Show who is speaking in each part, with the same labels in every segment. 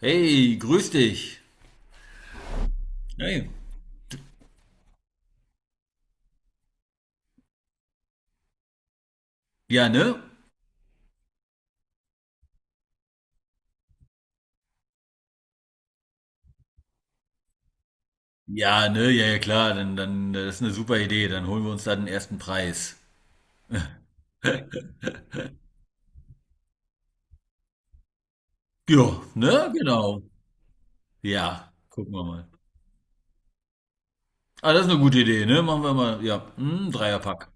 Speaker 1: Hey, grüß dich. Hey, ja, ne? Ja, ne? Ja, ja, klar. Dann das ist eine super Idee. Dann holen wir uns da den ersten Preis. Ja, ne? Genau. Ja, gucken wir mal. Ah, das ist eine gute Idee, ne? Machen wir mal. Ja, hm, Dreierpack.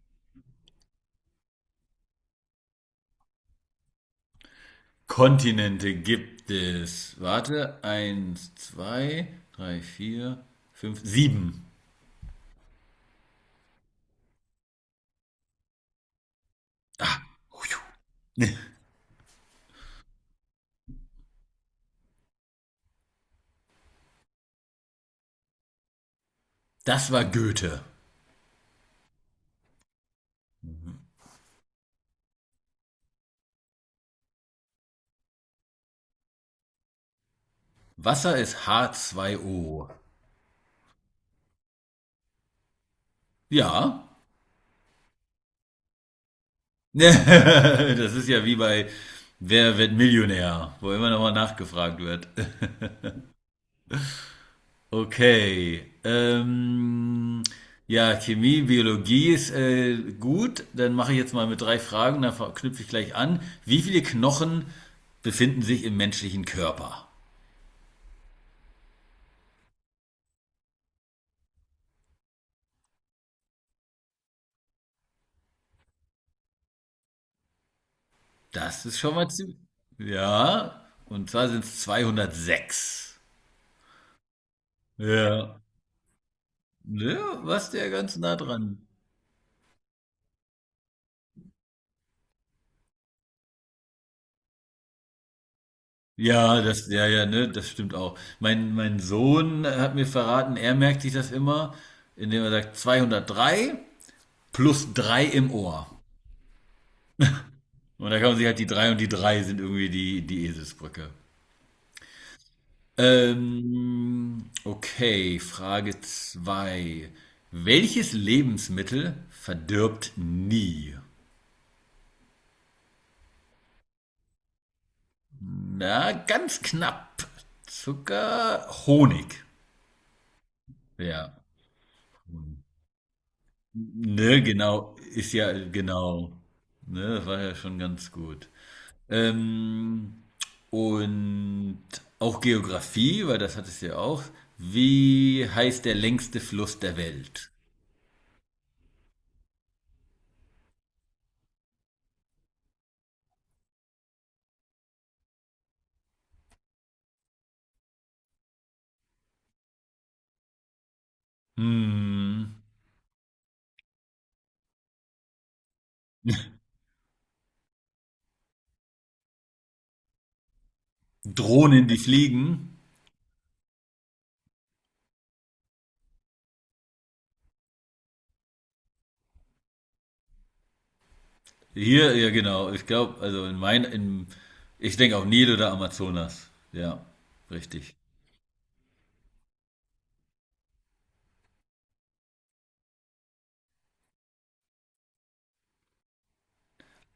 Speaker 1: Kontinente gibt es. Warte. Eins, zwei, drei, vier, fünf, sieben. Ah, das war Goethe. Wasser ist H2O. Ja, das ist ja wie bei Wer wird Millionär, wo immer nochmal nachgefragt wird. Okay. Ja, Chemie, Biologie ist gut. Dann mache ich jetzt mal mit drei Fragen, dann knüpfe ich gleich an. Wie viele Knochen befinden sich im menschlichen Körper? Das ist schon mal zu. Ja, und zwar sind es 206. Ja. Ja, was der ganz nah dran. Ja, das, ja, ja, ne, das stimmt auch. Mein Sohn hat mir verraten, er merkt sich das immer, indem er sagt 203 plus drei im Ohr. Und da kann man sich halt die drei und die 3 sind irgendwie die, die Eselsbrücke. Okay, Frage 2. Welches Lebensmittel verdirbt nie? Na, ganz knapp. Zucker, Honig. Ja. Ne, genau, ist ja, genau. Ne, das war ja schon ganz gut. Ähm, und auch Geografie, weil das hattest du ja auch. Wie heißt der längste Fluss der Welt? Hm, Drohnen, die fliegen. Hier, ja genau. Ich glaube, also ich denke auch Nil oder Amazonas. Ja, richtig.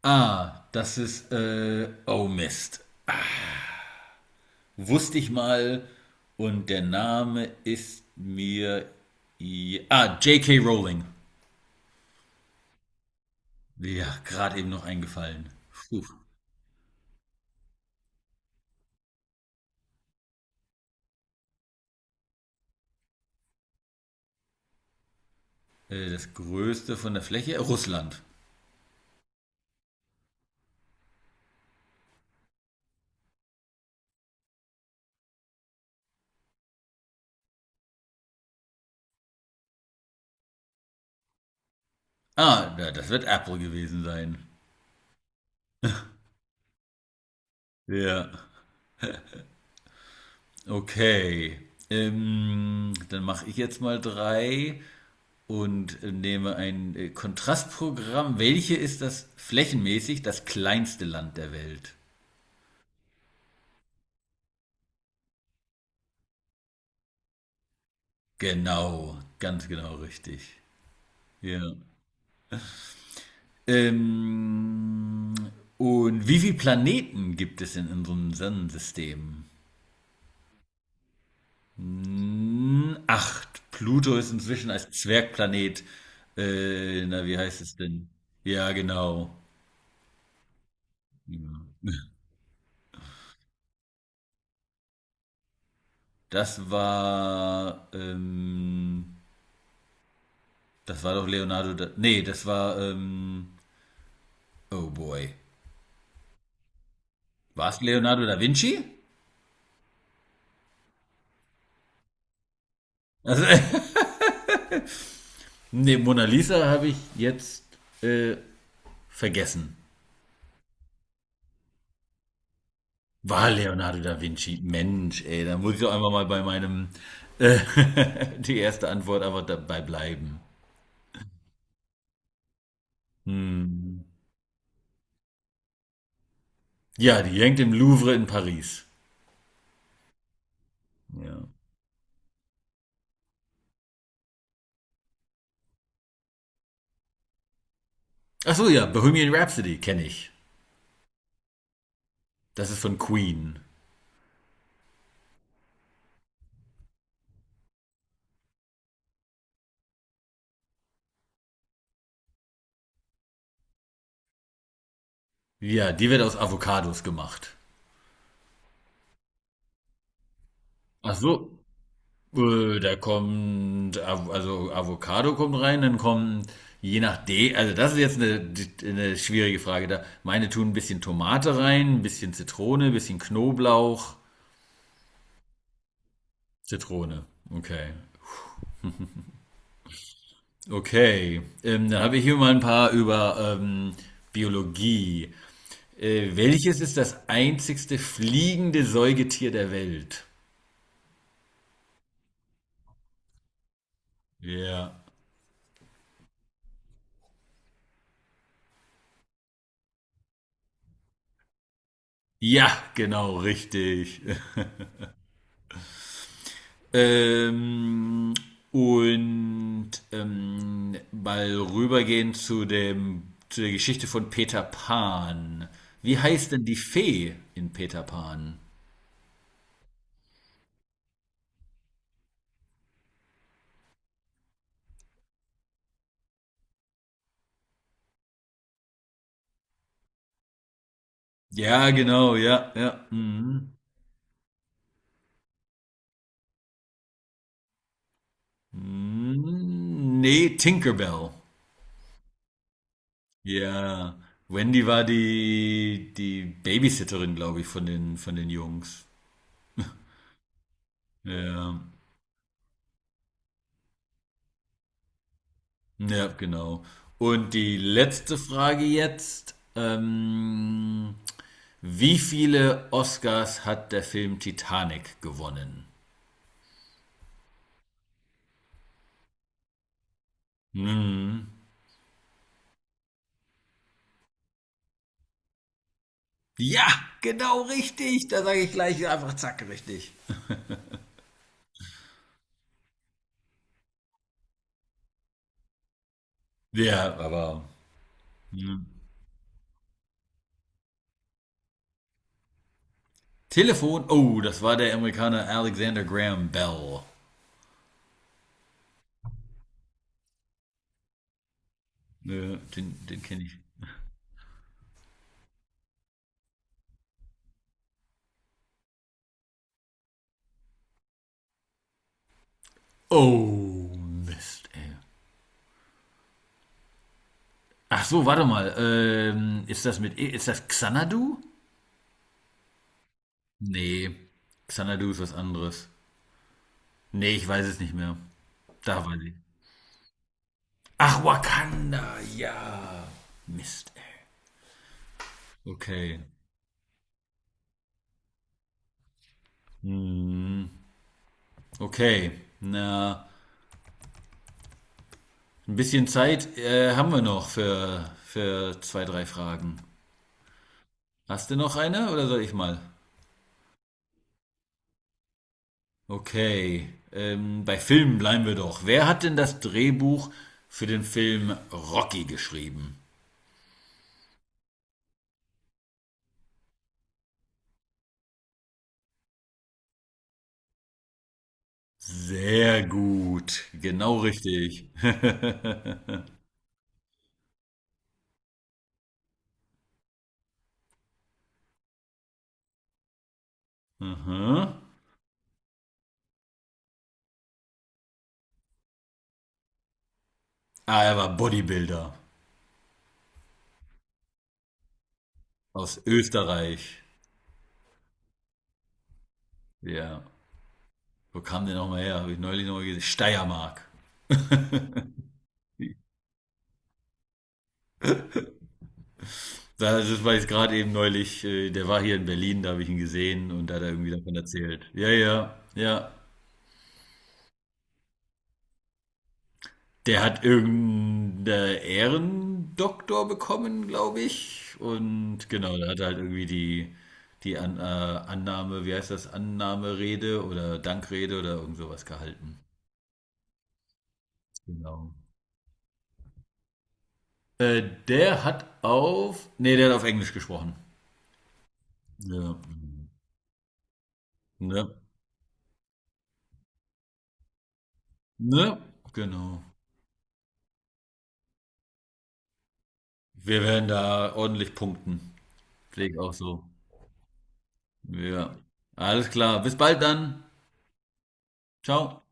Speaker 1: Ah, das ist, oh Mist. Wusste ich mal und der Name ist mir. Ah, J.K. Rowling. Ja, gerade eben noch eingefallen. Puh. Das größte von der Fläche? Russland. Ah, ja, das wird Apple gewesen sein. Ja, okay. Dann mache ich jetzt mal drei und nehme ein Kontrastprogramm. Welche ist das flächenmäßig das kleinste Land der Welt? Genau, ganz genau richtig. Ja. Ähm, und wie viele Planeten gibt es in unserem Sonnensystem? Acht. Pluto ist inzwischen als Zwergplanet. Na, wie heißt es denn? Ja, genau. Ja. Das war, ähm, Das war doch Leonardo da, nee, das war, oh boy. War es Leonardo da Vinci? Also, nee, Mona Lisa habe ich jetzt äh, vergessen. War Leonardo da Vinci. Mensch, ey, da muss ich doch einfach mal bei meinem äh, die erste Antwort einfach dabei bleiben. Hm. Ja, die hängt im Louvre in Paris. Ja. Ach so, ja, Bohemian Rhapsody kenne ich. Das ist von Queen. Ja, die wird aus Avocados gemacht. Ach so, da kommt, also Avocado kommt rein, dann kommt, je nach D, also das ist jetzt eine schwierige Frage da. Meine tun ein bisschen Tomate rein, ein bisschen Zitrone, ein bisschen Knoblauch, Zitrone. Okay. Okay. Dann habe ich hier mal ein paar über Biologie. Welches ist das einzigste fliegende Säugetier der Welt? Ja. Ja, genau, richtig. Ähm, und mal rübergehen zu dem, zu der Geschichte von Peter Pan. Wie heißt denn die Fee in Peter Pan? Ja, genau, ja, ja. Mhm. Hm, nee, Tinkerbell. Ja, Wendy war die Babysitterin, glaube ich, von den Jungs. Ja, ja, genau. Und die letzte Frage jetzt. Wie viele Oscars hat der Film Titanic gewonnen? Hm. Ja, genau richtig. Da sage ich gleich einfach zack, richtig. Ja, aber. Hm. Telefon. Oh, das war der Amerikaner Alexander Graham Bell. Ja, den kenne ich. Oh, Mist, ey. Ach so, warte mal. Ist das Xanadu? Nee. Xanadu ist was anderes. Nee, ich weiß es nicht mehr. Da weiß ich. Ach, Wakanda, ja. Mist, ey. Okay. Hm, okay. Na, ein bisschen Zeit haben wir noch für zwei, drei Fragen. Hast du noch eine oder soll ich mal? Okay, bei Filmen bleiben wir doch. Wer hat denn das Drehbuch für den Film Rocky geschrieben? Sehr gut, genau richtig. Aha. Ah, er war Bodybuilder aus Österreich. Ja, wo kam der nochmal her? Habe ich neulich nochmal gesehen. Steiermark. War jetzt gerade eben neulich, der war hier in Berlin, da habe ich ihn gesehen und da hat er irgendwie davon erzählt. Ja, ja, ja. Der hat irgendeinen Ehrendoktor bekommen, glaube ich. Und genau, da hat er halt irgendwie die An Annahme, wie heißt das, Annahmerede oder Dankrede oder irgend sowas gehalten. Genau. Äh, Der hat auf, nee, der hat auf Englisch gesprochen. Ja. Ne? Ne? Genau. Wir werden da ordentlich punkten. Pfleg auch so. Ja. Alles klar. Bis bald dann. Ciao.